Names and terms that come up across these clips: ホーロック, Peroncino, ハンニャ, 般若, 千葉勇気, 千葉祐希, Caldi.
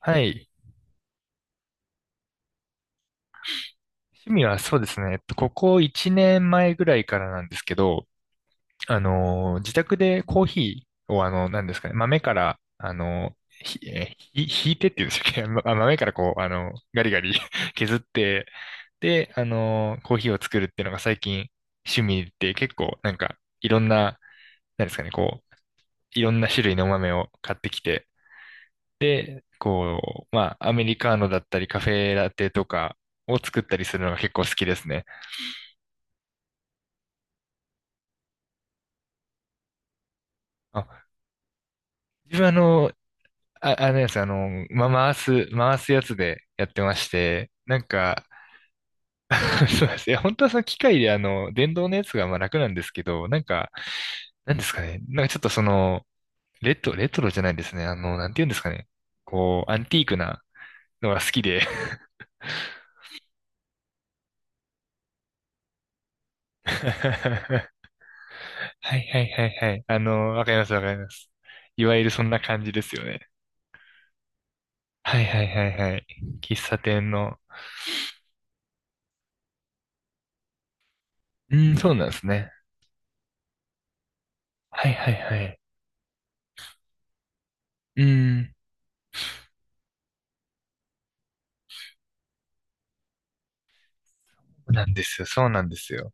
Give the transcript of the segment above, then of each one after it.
はい。趣味はそうですね。ここ1年前ぐらいからなんですけど、自宅でコーヒーを、なんですかね、豆から、あの、ひ、えーひいてっていうんでしたっけ？ まあ豆からこう、ガリガリ 削って、で、コーヒーを作るっていうのが最近趣味で、結構なんか、いろんな、なんですかね、こう、いろんな種類のお豆を買ってきて、こう、まあ、アメリカーノだったり、カフェラテとかを作ったりするのが結構好きですね。あ、自分あ、あのやつ、あの、ま、回す、回すやつでやってまして、なんか、そうですね。本当はその機械で電動のやつがまあ楽なんですけど、なんかちょっとその、レトロじゃないですね、なんて言うんですかね、こう、アンティークなのが好きで。はいはいはいはい。わかりますわかります。いわゆるそんな感じですよね。はいはいはいはい。喫茶店の。うん、そうなんですね。はいはいはい。うん。そうなんですよ、そうなんですよ。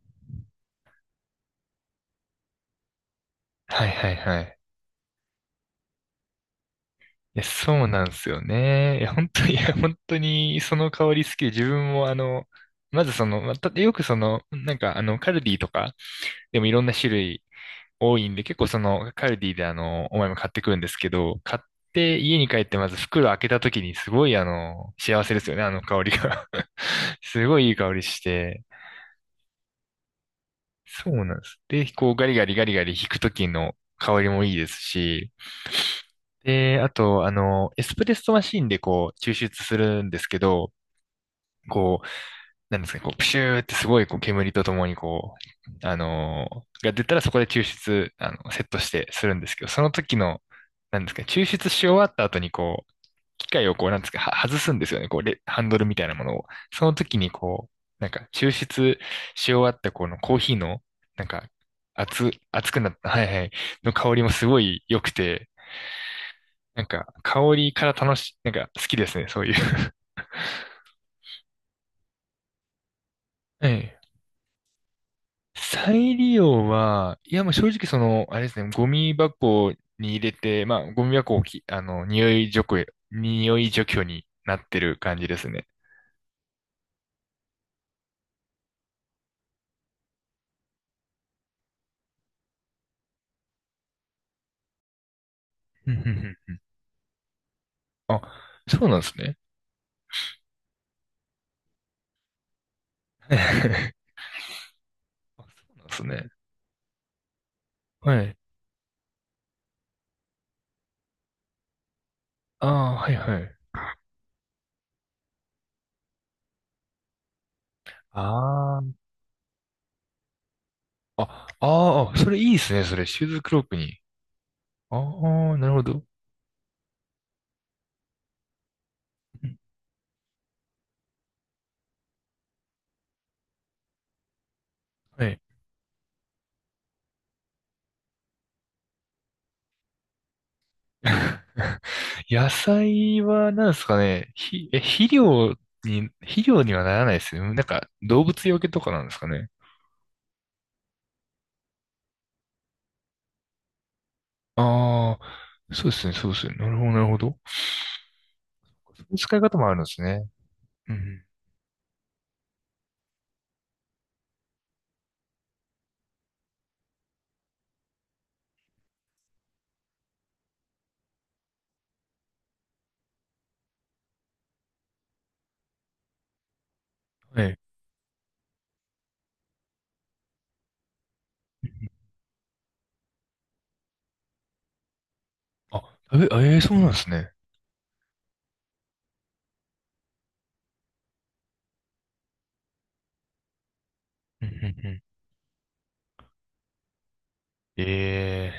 はいはいはい。いや、そうなんですよね。いや、本当に、いや、本当に、その香り好きで、自分も、あの、まずその、また、よくその、なんか、あの、カルディとか、でもいろんな種類多いんで、結構その、カルディで、お前も買ってくるんですけど、買って家に帰って、まず袋開けた時に、すごい、幸せですよね、あの香りが。すごいいい香りして、そうなんです。で、こう、ガリガリガリガリ弾く時の香りもいいですし、で、あと、エスプレッソマシーンでこう、抽出するんですけど、こう、なんですかね、こう、プシューってすごいこう煙とともにう、あのが出たらそこで抽出、セットしてするんですけど、その時の、なんですかね、抽出し終わった後にこう、機械をこう、なんですかね、は外すんですよね、こう、ハンドルみたいなものを。その時にこう、抽出し終わったこのコーヒーの、なんか、熱くなった、はいはい、の香りもすごい良くて、なんか、香りから楽し、なんか、好きですね、そういう。ええ。再利用は、いや、もう正直その、あれですね、ゴミ箱に入れて、まあ、ゴミ箱をき、あの、匂い除去、匂い除去になってる感じですね。うんうんうん。あ、そうなんですね。そうなんですね。はい。ああ、はいはい。ああ、あああー、それいいですね、それ。シューズクロークに。ああ、なるほど。うん。はい。野菜は何ですかね、ひ、え、肥料に、肥料にはならないですよ。なんか動物よけとかなんですかね。ああ、そうですね、そうですね。なるほど、なるほど。そういう使い方もあるんですね。うん。はい。あ、ええー、そうなんですね。うんうんうん。え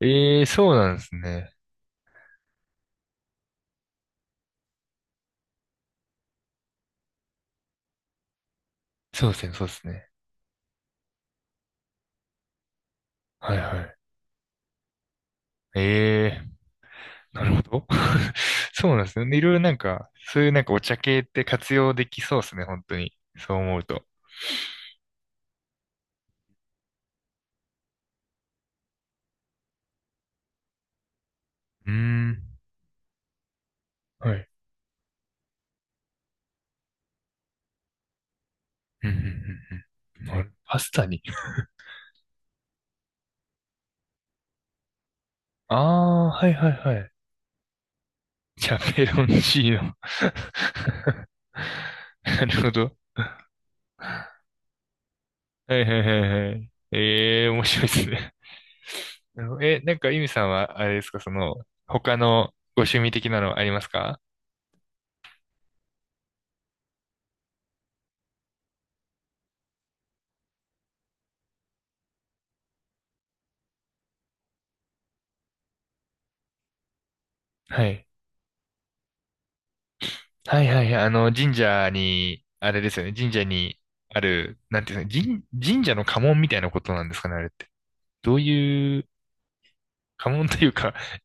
え、ええ、そうなんですね。そうですね、そうですね。はいはい。ええ、なるほど。そうなんですね。いろいろなんか、そういうなんかお茶系って活用できそうですね、本当に。そう思うと。うーん。はい。うんうんうん。うん。なる、パスタに。ああ、はいはいはい。じゃあ、ペロンチーノ。なるほど。はいはいはいはい。ええー、面白いですね。え、なんか、ゆみさんは、あれですか、その、他のご趣味的なのありますか？はい。はいはいはい。神社に、あれですよね。神社にある、なんていうんですか、神社の家紋みたいなことなんですかね、あれって。どういう、家紋というか、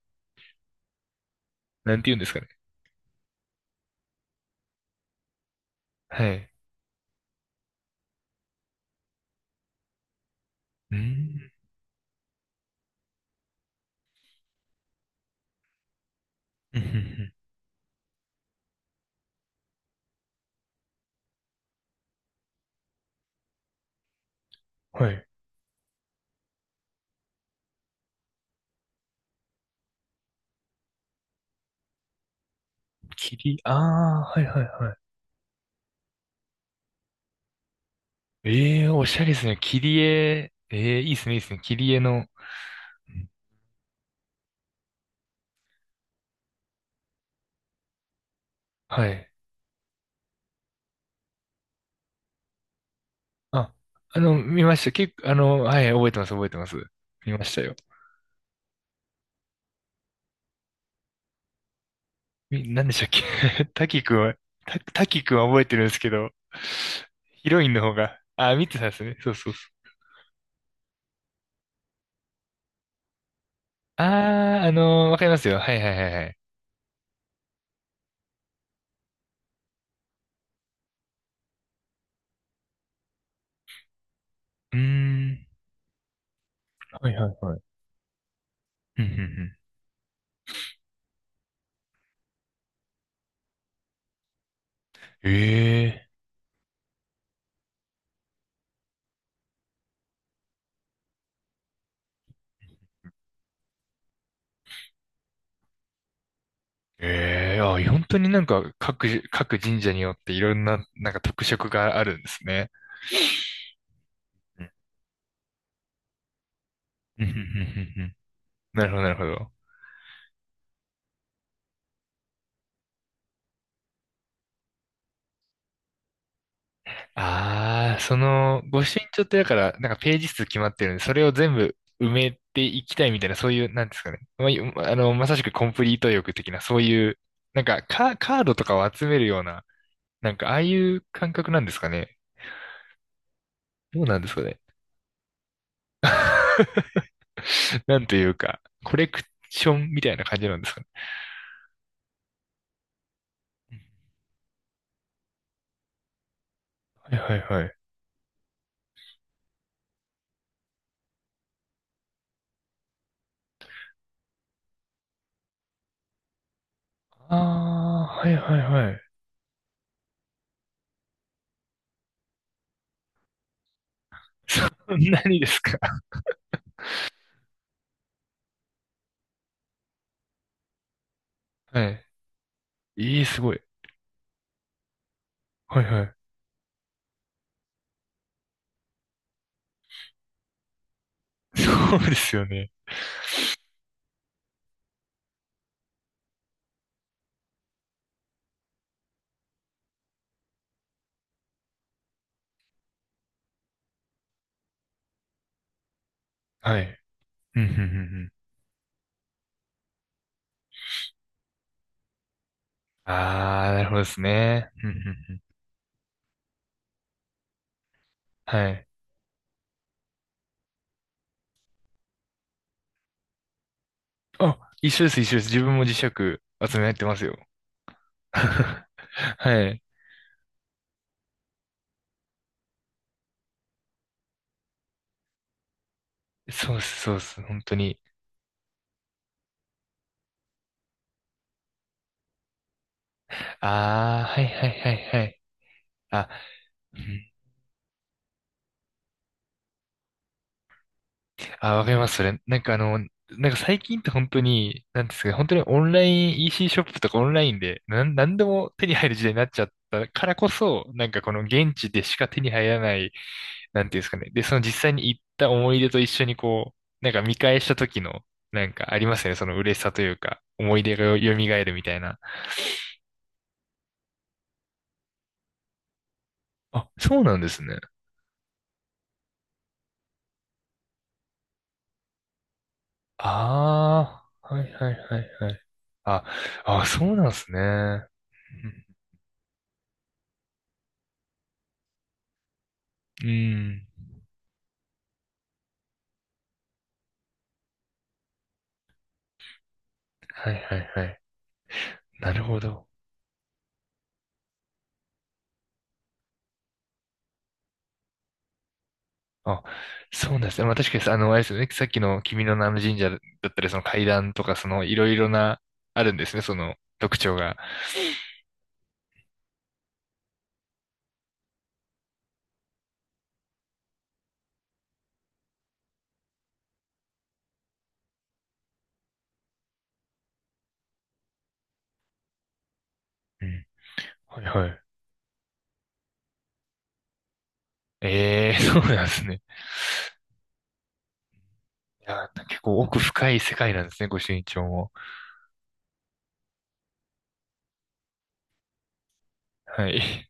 なんていうんですかね。はい。うん。うんうんうん。はい。切り、ああ、はいはいはい。ええ、おしゃれですね。切り絵、ええ、いいですね、いいですね。切り絵の、うん、はい。あ、見ました。結構、あの、はい、覚えてます、覚えてます。見ましたよ。み、何でしたっけ？ 滝くんは、滝くんは覚えてるんですけど、ヒロインの方が、あ、見てたんですね。そうそうそう。あー、あのーわかりますよ。はいはいはいはい。うーん。はいはいはい。うんうんうん。えー、えー、あ、本当になんか各、各神社によっていろんな、なんか特色があるんですね。うんうんうんうんうんうん。なるほどなるほど。ああ、その、御朱印帳ってだから、なんかページ数決まってるんで、それを全部埋めていきたいみたいな、そういう、なんですかね。まあ、よあの、まさしくコンプリート欲的な、そういう、カードとかを集めるような、なんか、ああいう感覚なんですかね。どうなんですかね。なんというか、コレクションみたいな感じなんですかね。うん、はいはいはい。ああ、はいはいはい。そんなにですか。はい。ええ、すごい。はいはい。そうですよね。はい。うんうんうんうん。ああ、なるほどですね。うんうんうん。はい。あ、一緒です、一緒です。自分も磁石集めやってますよ。はい。そうっす、そうっす。本当に。ああ、はいはいはいはい。あ、うん、あ、わかります、それ。なんかあの、なんか最近って本当に、なんですかね、本当にオンライン EC シーショップとかオンラインで、なんでも手に入る時代になっちゃったからこそ、なんかこの現地でしか手に入らないなんていうんですかね。で、その実際に行った思い出と一緒にこう、なんか見返した時の、なんかありますよね。その嬉しさというか、思い出がよ蘇るみたいな。あ、そうなんですね。ああ、はいはいはいはい。あ、あ、そうなんですね。うん、うん、はいはいはい。なるほど。あ、そうなんですね。まあ確かに、あの、あれですよね。さっきの君の名の神社だったり、その階段とか、そのいろいろな、あるんですね。その特徴が。うん。はいはい。ええ、そうなんですね。いや、結構奥深い世界なんですね、ご朱印帳も。はい。